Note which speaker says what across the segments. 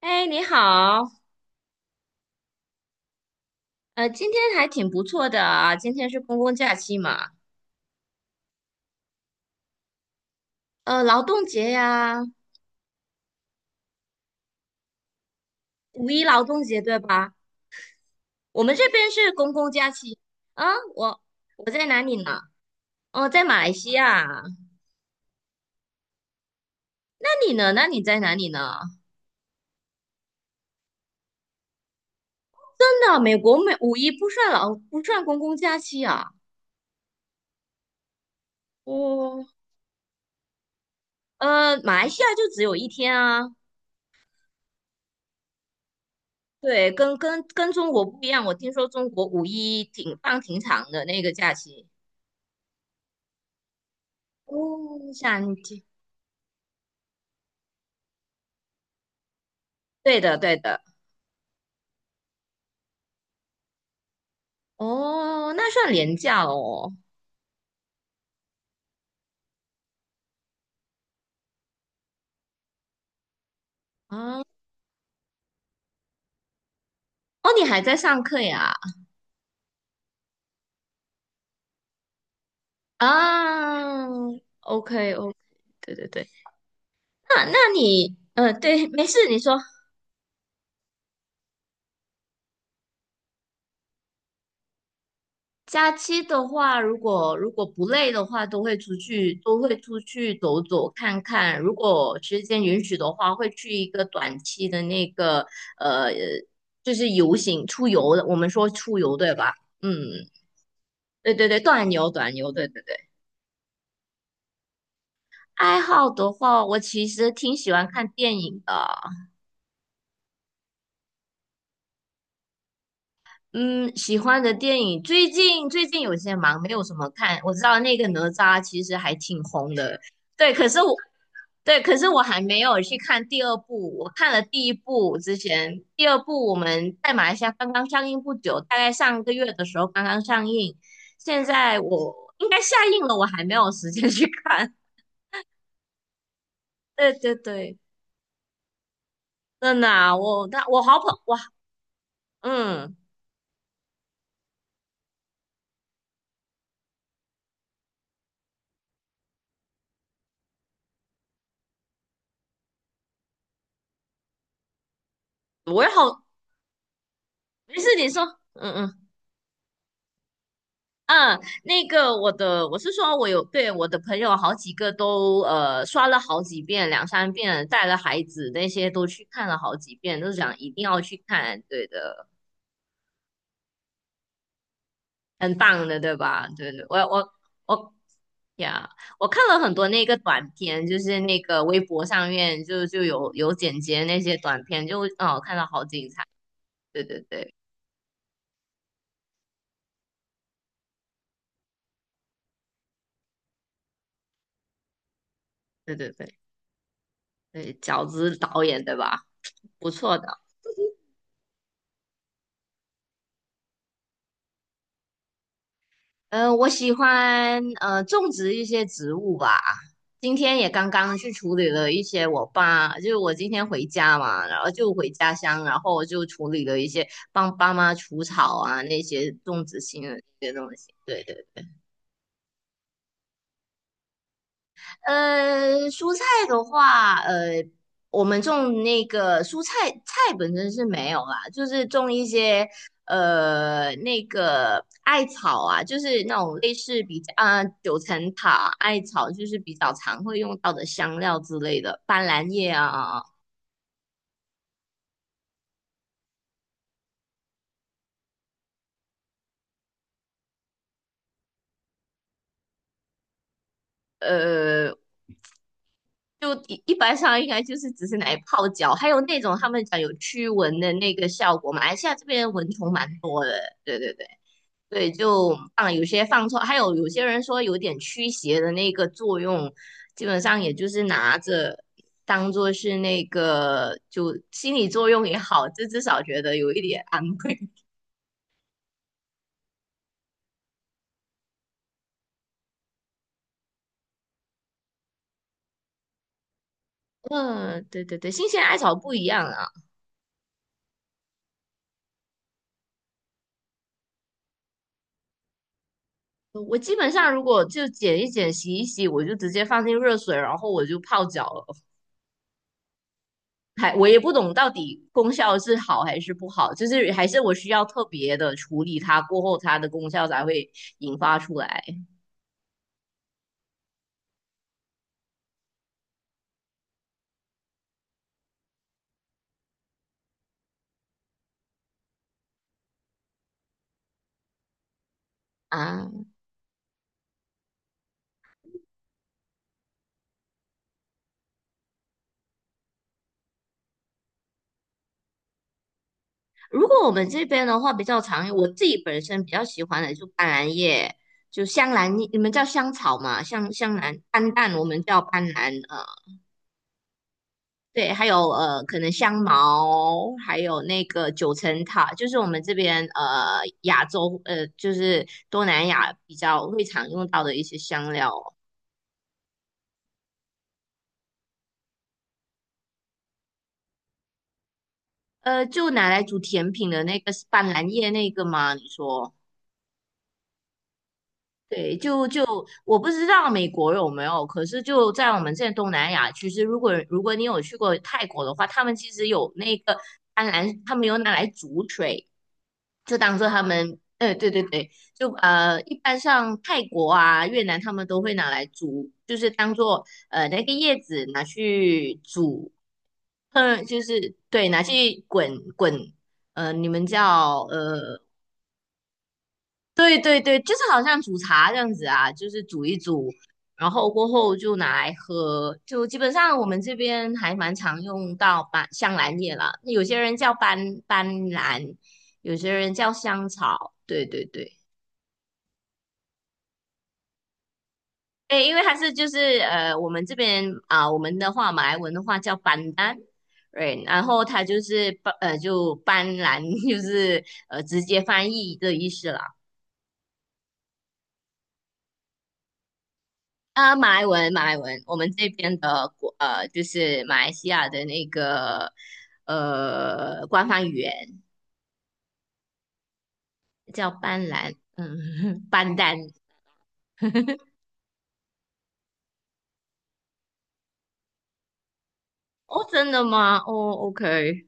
Speaker 1: 哎，你好，今天还挺不错的啊。今天是公共假期嘛。劳动节呀。五一劳动节对吧？我们这边是公共假期啊。我我在哪里呢？哦，在马来西亚啊。那你呢？那你在哪里呢？真的，美国没五一不算公共假期啊？哦。马来西亚就只有一天啊。对，跟中国不一样，我听说中国五一挺长的那个假期。哦，想对的，对的。哦，那算廉价哦。啊，哦，你还在上课呀？啊，OK，OK，对对对。那你，对，没事，你说。假期的话，如果不累的话，都会出去，都会出去走走看看。如果时间允许的话，会去一个短期的那个，呃，就是游行出游的，我们说出游对吧？嗯，对对对，短游短游，对对对。爱好的话，我其实挺喜欢看电影的。嗯，喜欢的电影，最近有些忙，没有什么看。我知道那个哪吒其实还挺红的，对。可是我对，可是我还没有去看第二部。我看了第一部之前，第二部我们在马来西亚刚刚上映不久，大概上个月的时候刚刚上映。现在我应该下映了，我还没有时间去看。对对对，真的啊，我那我好捧哇。嗯，我也好，没事，你说。嗯嗯嗯，那个我的，我是说，我有对我的朋友好几个都刷了好几遍、两三遍，带了孩子那些都去看了好几遍，都想一定要去看，对的，很棒的，对吧？对对，我呀我看了很多那个短片，就是那个微博上面就有剪辑那些短片，就哦看到好精彩，对对对对对对对，饺子导演对吧？不错的。嗯，我喜欢种植一些植物吧。今天也刚刚去处理了一些我爸，就是我今天回家嘛，然后就回家乡，然后我就处理了一些帮爸妈除草啊那些种植性的那些东西。对对。蔬菜的话，我们种那个蔬菜，菜本身是没有啦，就是种一些那个艾草啊，就是那种类似比较啊、九层塔、艾草，就是比较常会用到的香料之类的，斑斓叶啊。呃，就一般上应该就是只是拿来泡脚，还有那种他们讲有驱蚊的那个效果，马来西亚这边蚊虫蛮多，对对对。对，就放有些放错，还有有些人说有点驱邪的那个作用，基本上也就是拿着当做是那个就心理作用也好，这至少觉得有一点安慰。嗯，对对对，新鲜艾草不一样啊。我基本上如果就剪一剪、洗一洗，我就直接放进热水，然后我就泡脚了。还我也不懂到底功效是好还是不好，就是还是我需要特别的处理它，过后它的功效才会引发出来啊。如果我们这边的话比较常，我自己本身比较喜欢的就斑斓叶，就香兰叶你们叫香草嘛？香兰、斑斓，我们叫斑斓。对，还有可能香茅，还有那个九层塔，就是我们这边亚洲就是东南亚比较会常用到的一些香料。就拿来煮甜品的那个是斑斓叶那个吗？你说？对，就我不知道美国有没有，可是就在我们这东南亚其是如果你有去过泰国的话，他们其实有那个甘蓝，他们有拿来煮水，就当做他们，对对对，就一般像泰国啊、越南，他们都会拿来煮，就是当做那个叶子拿去煮，嗯，就是对，拿去滚，你们叫对对对，就是好像煮茶这样子啊，就是煮一煮，然后过后就拿来喝。就基本上我们这边还蛮常用到斑香兰叶啦，有些人叫斑兰，有些人叫香草。对对对，对，因为它是就是我们这边啊、我们的话马来文的话叫斑丹。对，然后它就是就斑兰，就是直接翻译的意思啦。啊，马来文，马来文，我们这边的国，就是马来西亚的那个官方语言叫班兰，嗯，班丹。哦，真的吗？哦，OK，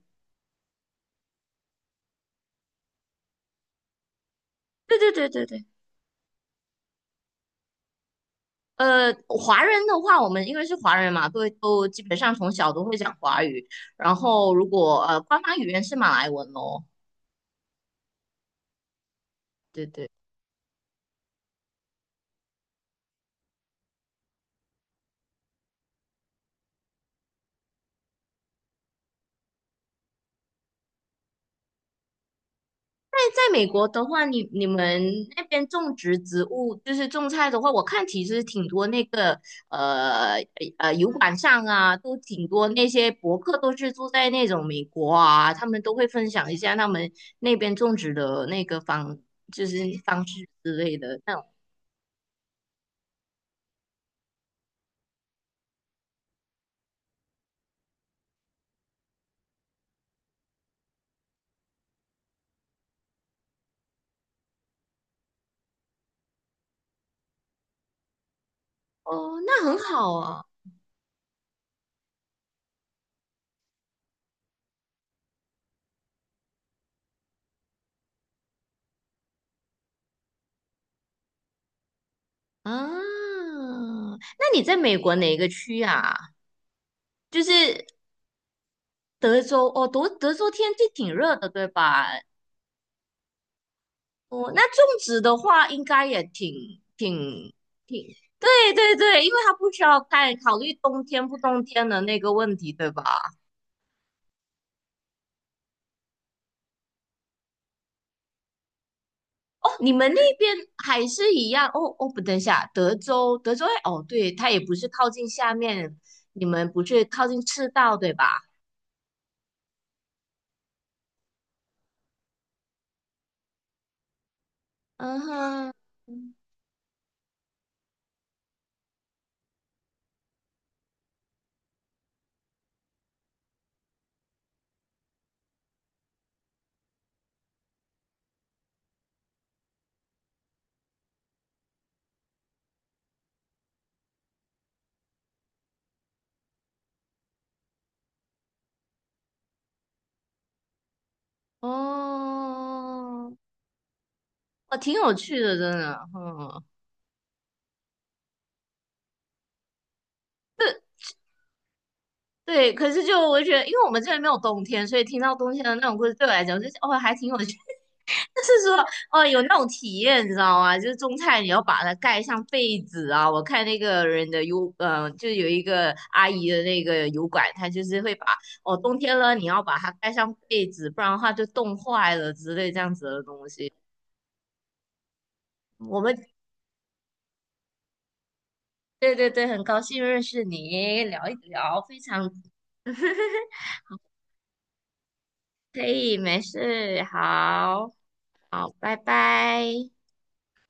Speaker 1: 对对对对对。华人的话，我们因为是华人嘛，都基本上从小都会讲华语，然后如果官方语言是马来文咯，对对。在美国的话，你们那边种植植物，就是种菜的话，我看其实挺多那个呃油管上啊，都挺多那些博客都是住在那种美国啊，他们都会分享一下他们那边种植的那个就是方式之类的那种。哦，那很好啊啊！那你在美国哪个区啊？就是德州哦，德州天气挺热的，对吧？哦，那种植的话，应该也对对对，因为它不需要太考虑冬天不冬天的那个问题，对吧？哦，你们那边还是一样？哦哦，不，等一下，德州，德州，哦，对，它也不是靠近下面，你们不是靠近赤道，对吧？嗯哼，哦，哦，挺有趣的，真的，嗯。对对，可是就我觉得，因为我们这边没有冬天，所以听到冬天的那种故事，对我来讲就是哦，还挺有趣，就是说，哦，有那种体验，你知道吗？就是种菜，你要把它盖上被子啊。我看那个人的油，嗯、就有一个阿姨的那个油管，她就是会把，哦，冬天了，你要把它盖上被子，不然的话就冻坏了之类这样子的东西。我们对对对，很高兴认识你，聊一聊，非常 可以，没事，好，好，拜拜。